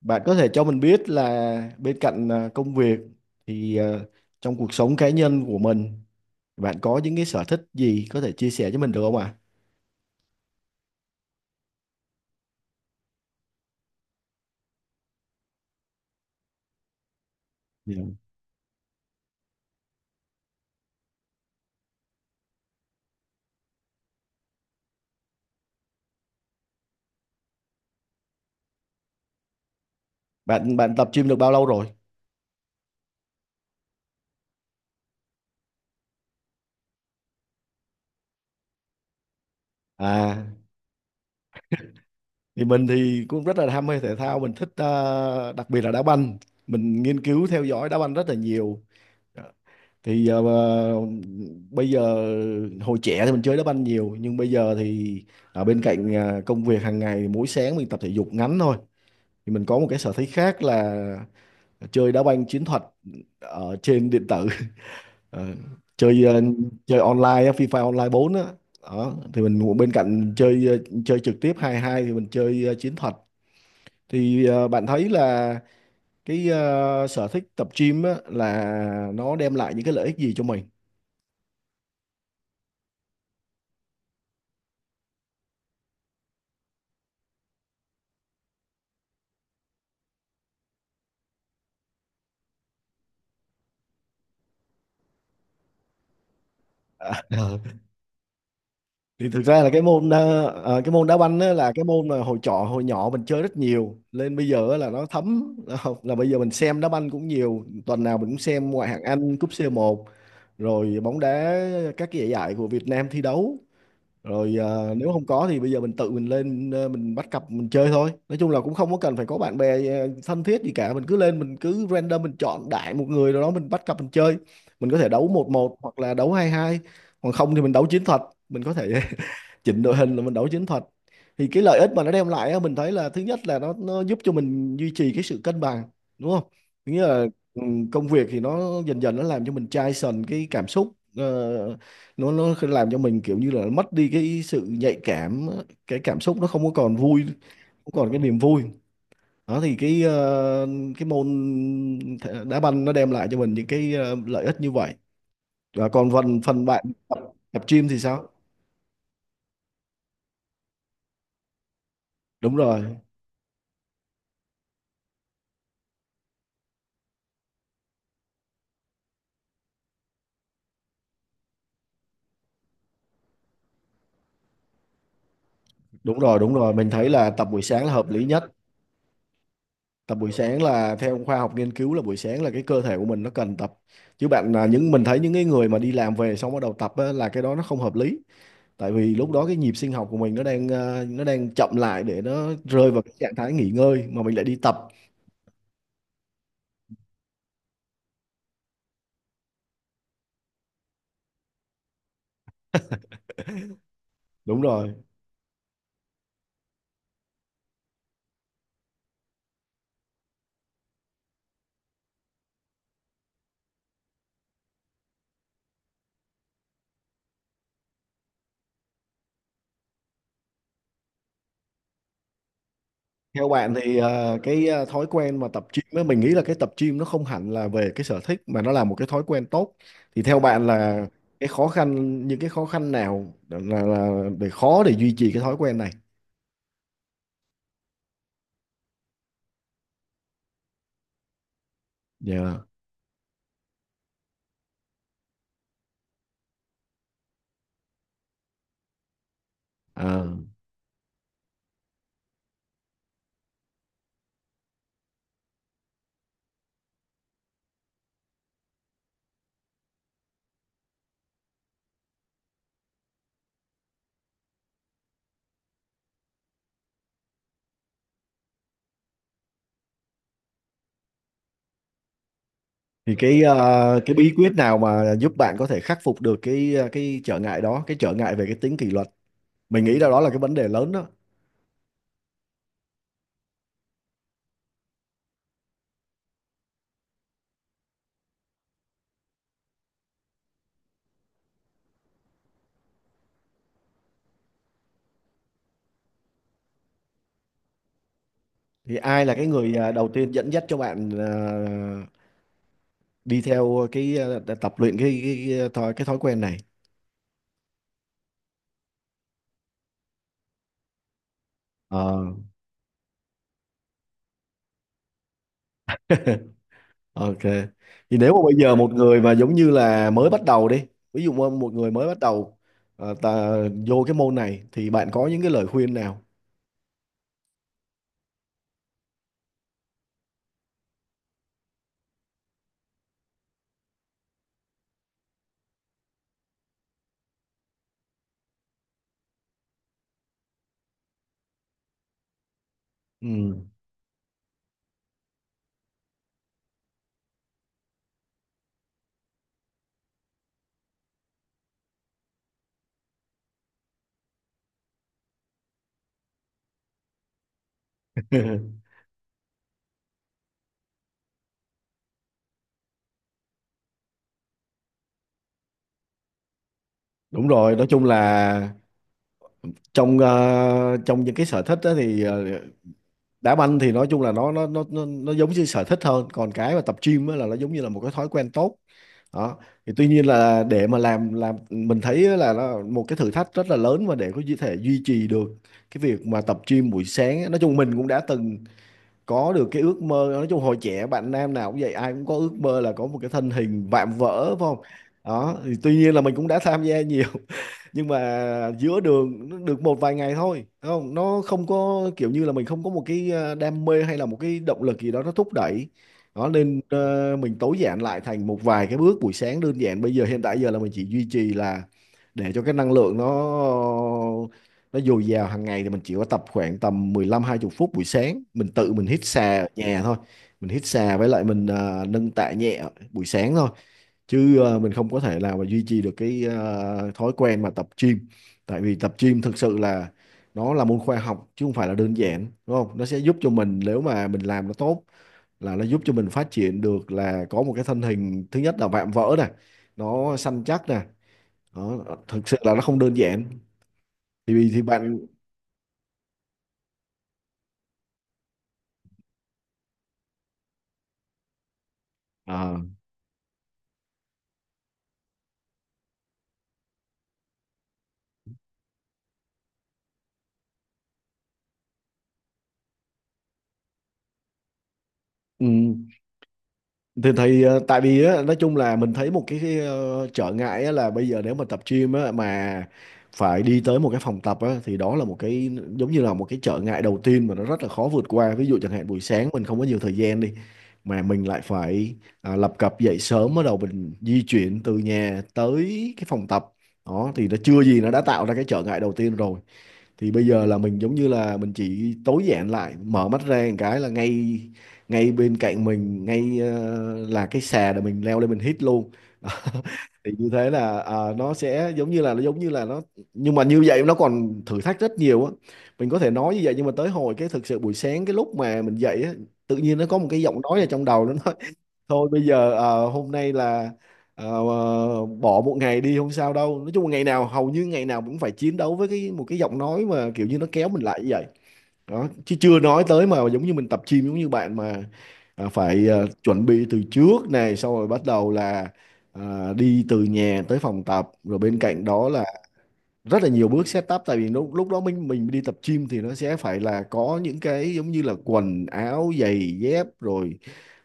Bạn có thể cho mình biết là bên cạnh công việc thì trong cuộc sống cá nhân của mình bạn có những cái sở thích gì có thể chia sẻ cho mình được không ạ? Dạ. Bạn bạn tập gym được bao lâu rồi? À, thì mình thì cũng rất là ham mê thể thao, mình thích đặc biệt là đá banh. Mình nghiên cứu theo dõi đá banh rất là nhiều. Thì bây giờ hồi trẻ thì mình chơi đá banh nhiều, nhưng bây giờ thì ở bên cạnh công việc hàng ngày mỗi sáng mình tập thể dục ngắn thôi, thì mình có một cái sở thích khác là chơi đá banh chiến thuật ở trên điện tử. Ờ, chơi ờ, chơi online á, FIFA Online 4 á. Đó thì mình cũng bên cạnh chơi trực tiếp 2-2, thì mình chơi chiến thuật. Thì bạn thấy là cái sở thích tập gym á, là nó đem lại những cái lợi ích gì cho mình? À, thì thực ra là cái môn đá banh á, là cái môn mà hồi nhỏ mình chơi rất nhiều, nên bây giờ á là nó thấm, là bây giờ mình xem đá banh cũng nhiều, tuần nào mình cũng xem ngoại hạng Anh, cúp c một, rồi bóng đá các cái giải giải của Việt Nam thi đấu, rồi nếu không có thì bây giờ mình tự mình lên, mình bắt cặp mình chơi thôi. Nói chung là cũng không có cần phải có bạn bè thân thiết gì cả, mình cứ lên mình cứ random, mình chọn đại một người rồi đó mình bắt cặp mình chơi. Mình có thể đấu một một hoặc là đấu hai hai, còn không thì mình đấu chiến thuật. Mình có thể chỉnh đội hình là mình đấu chiến thuật. Thì cái lợi ích mà nó đem lại á, mình thấy là thứ nhất là nó giúp cho mình duy trì cái sự cân bằng, đúng không? Thứ nghĩa là ừ, công việc thì nó dần dần nó làm cho mình chai sần cái cảm xúc, nó làm cho mình kiểu như là mất đi cái sự nhạy cảm, cái cảm xúc nó không có còn vui, không còn cái niềm vui. Đó thì cái môn đá banh nó đem lại cho mình những cái lợi ích như vậy. Và còn phần phần bạn tập gym thì sao? Đúng rồi. Đúng rồi, đúng rồi. Mình thấy là tập buổi sáng là hợp lý nhất. Tập buổi sáng là theo khoa học nghiên cứu, là buổi sáng là cái cơ thể của mình nó cần tập. Chứ bạn là những mình thấy những cái người mà đi làm về xong bắt đầu tập á, là cái đó nó không hợp lý. Tại vì lúc đó cái nhịp sinh học của mình nó đang chậm lại để nó rơi vào cái trạng thái nghỉ ngơi, mà mình lại đi tập. Đúng rồi. Theo bạn thì cái thói quen mà tập gym ấy, mình nghĩ là cái tập gym nó không hẳn là về cái sở thích, mà nó là một cái thói quen tốt. Thì theo bạn là cái khó khăn, những cái khó khăn nào là để khó để duy trì cái thói quen này? Dạ. À. Thì cái bí quyết nào mà giúp bạn có thể khắc phục được cái trở ngại đó, cái trở ngại về cái tính kỷ luật. Mình nghĩ là đó là cái vấn đề lớn đó. Thì ai là cái người đầu tiên dẫn dắt cho bạn đi theo cái tập luyện cái thói quen này? Ờ. Ok. Thì nếu mà bây giờ một người mà giống như là mới bắt đầu đi, ví dụ mà một người mới bắt đầu ta vô cái môn này thì bạn có những cái lời khuyên nào? Ừ. Đúng rồi, nói chung là trong những cái sở thích đó thì, đá banh thì nói chung là nó giống như sở thích hơn, còn cái mà tập gym á là nó giống như là một cái thói quen tốt. Đó thì tuy nhiên là để mà làm mình thấy là nó một cái thử thách rất là lớn, và để có thể duy trì được cái việc mà tập gym buổi sáng á. Nói chung mình cũng đã từng có được cái ước mơ, nói chung hồi trẻ bạn nam nào cũng vậy, ai cũng có ước mơ là có một cái thân hình vạm vỡ phải không. Đó thì tuy nhiên là mình cũng đã tham gia nhiều, nhưng mà giữa đường nó được một vài ngày thôi đúng không, nó không có kiểu như là mình không có một cái đam mê hay là một cái động lực gì đó nó thúc đẩy. Đó nên mình tối giản lại thành một vài cái bước buổi sáng đơn giản, bây giờ hiện tại giờ là mình chỉ duy trì, là để cho cái năng lượng nó dồi dào hàng ngày, thì mình chỉ có tập khoảng tầm 15 20 phút buổi sáng, mình tự mình hít xà ở nhà thôi. Mình hít xà với lại mình nâng tạ nhẹ buổi sáng thôi, chứ mình không có thể nào mà duy trì được cái thói quen mà tập gym. Tại vì tập gym thực sự là nó là môn khoa học chứ không phải là đơn giản, đúng không, nó sẽ giúp cho mình nếu mà mình làm nó tốt, là nó giúp cho mình phát triển được, là có một cái thân hình thứ nhất là vạm vỡ này, nó săn chắc nè. Đó, thực sự là nó không đơn giản. Thì bạn à, ừ. Thì tại vì á, nói chung là mình thấy một trở ngại á, là bây giờ nếu mà tập gym á, mà phải đi tới một cái phòng tập á, thì đó là một cái giống như là một cái trở ngại đầu tiên mà nó rất là khó vượt qua. Ví dụ chẳng hạn buổi sáng mình không có nhiều thời gian đi mà mình lại phải lập cập dậy sớm, bắt đầu mình di chuyển từ nhà tới cái phòng tập, đó thì nó chưa gì nó đã tạo ra cái trở ngại đầu tiên rồi. Thì bây giờ là mình giống như là mình chỉ tối giản lại, mở mắt ra một cái là ngay ngay bên cạnh mình, ngay là cái xà để mình leo lên mình hít luôn. Thì như thế là nó sẽ giống như là nó giống như là nó, nhưng mà như vậy nó còn thử thách rất nhiều á. Mình có thể nói như vậy, nhưng mà tới hồi cái thực sự buổi sáng cái lúc mà mình dậy á, tự nhiên nó có một cái giọng nói ở trong đầu, nó nói thôi bây giờ hôm nay là ờ, bỏ một ngày đi không sao đâu. Nói chung là ngày nào hầu như ngày nào cũng phải chiến đấu với cái một cái giọng nói mà kiểu như nó kéo mình lại như vậy. Đó chứ chưa nói tới mà giống như mình tập gym giống như bạn mà phải chuẩn bị từ trước này, xong rồi bắt đầu là đi từ nhà tới phòng tập. Rồi bên cạnh đó là rất là nhiều bước setup, tại vì lúc lúc đó mình đi tập gym thì nó sẽ phải là có những cái giống như là quần áo giày dép, rồi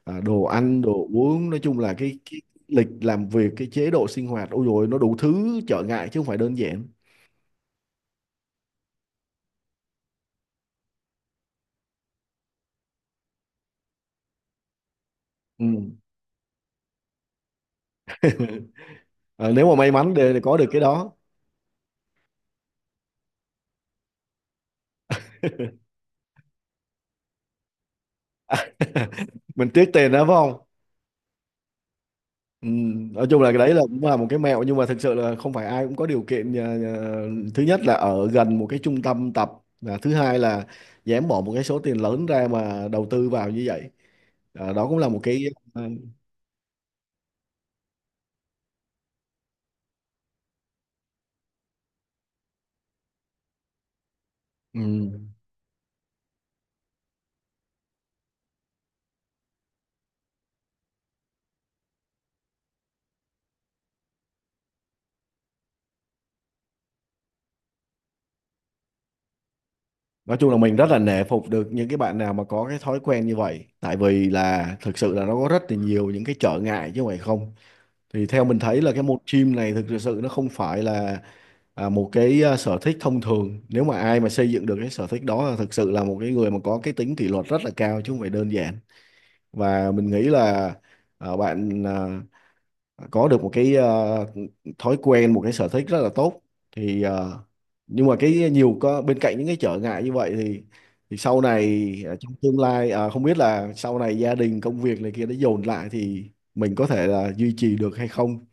đồ ăn đồ uống. Nói chung là cái lịch làm việc, cái chế độ sinh hoạt, ôi rồi nó đủ thứ trở ngại chứ không phải đơn giản. Ừ. Ờ, nếu mà may mắn để có được cái đó. Mình tiếc tiền đó phải không. Ừ, nói chung là cái đấy là cũng là một cái mẹo, nhưng mà thực sự là không phải ai cũng có điều kiện. Thứ nhất là ở gần một cái trung tâm tập, và thứ hai là dám bỏ một cái số tiền lớn ra mà đầu tư vào như vậy. À, đó cũng là một cái. à, ừ. Nói chung là mình rất là nể phục được những cái bạn nào mà có cái thói quen như vậy, tại vì là thực sự là nó có rất là nhiều những cái trở ngại chứ không phải không. Thì theo mình thấy là cái môn gym này thực sự nó không phải là một cái sở thích thông thường. Nếu mà ai mà xây dựng được cái sở thích đó là thực sự là một cái người mà có cái tính kỷ luật rất là cao chứ không phải đơn giản. Và mình nghĩ là bạn à, có được một cái thói quen, một cái sở thích rất là tốt, thì nhưng mà cái nhiều có bên cạnh những cái trở ngại như vậy, thì sau này trong tương lai không biết là sau này gia đình công việc này kia nó dồn lại thì mình có thể là duy trì được hay không.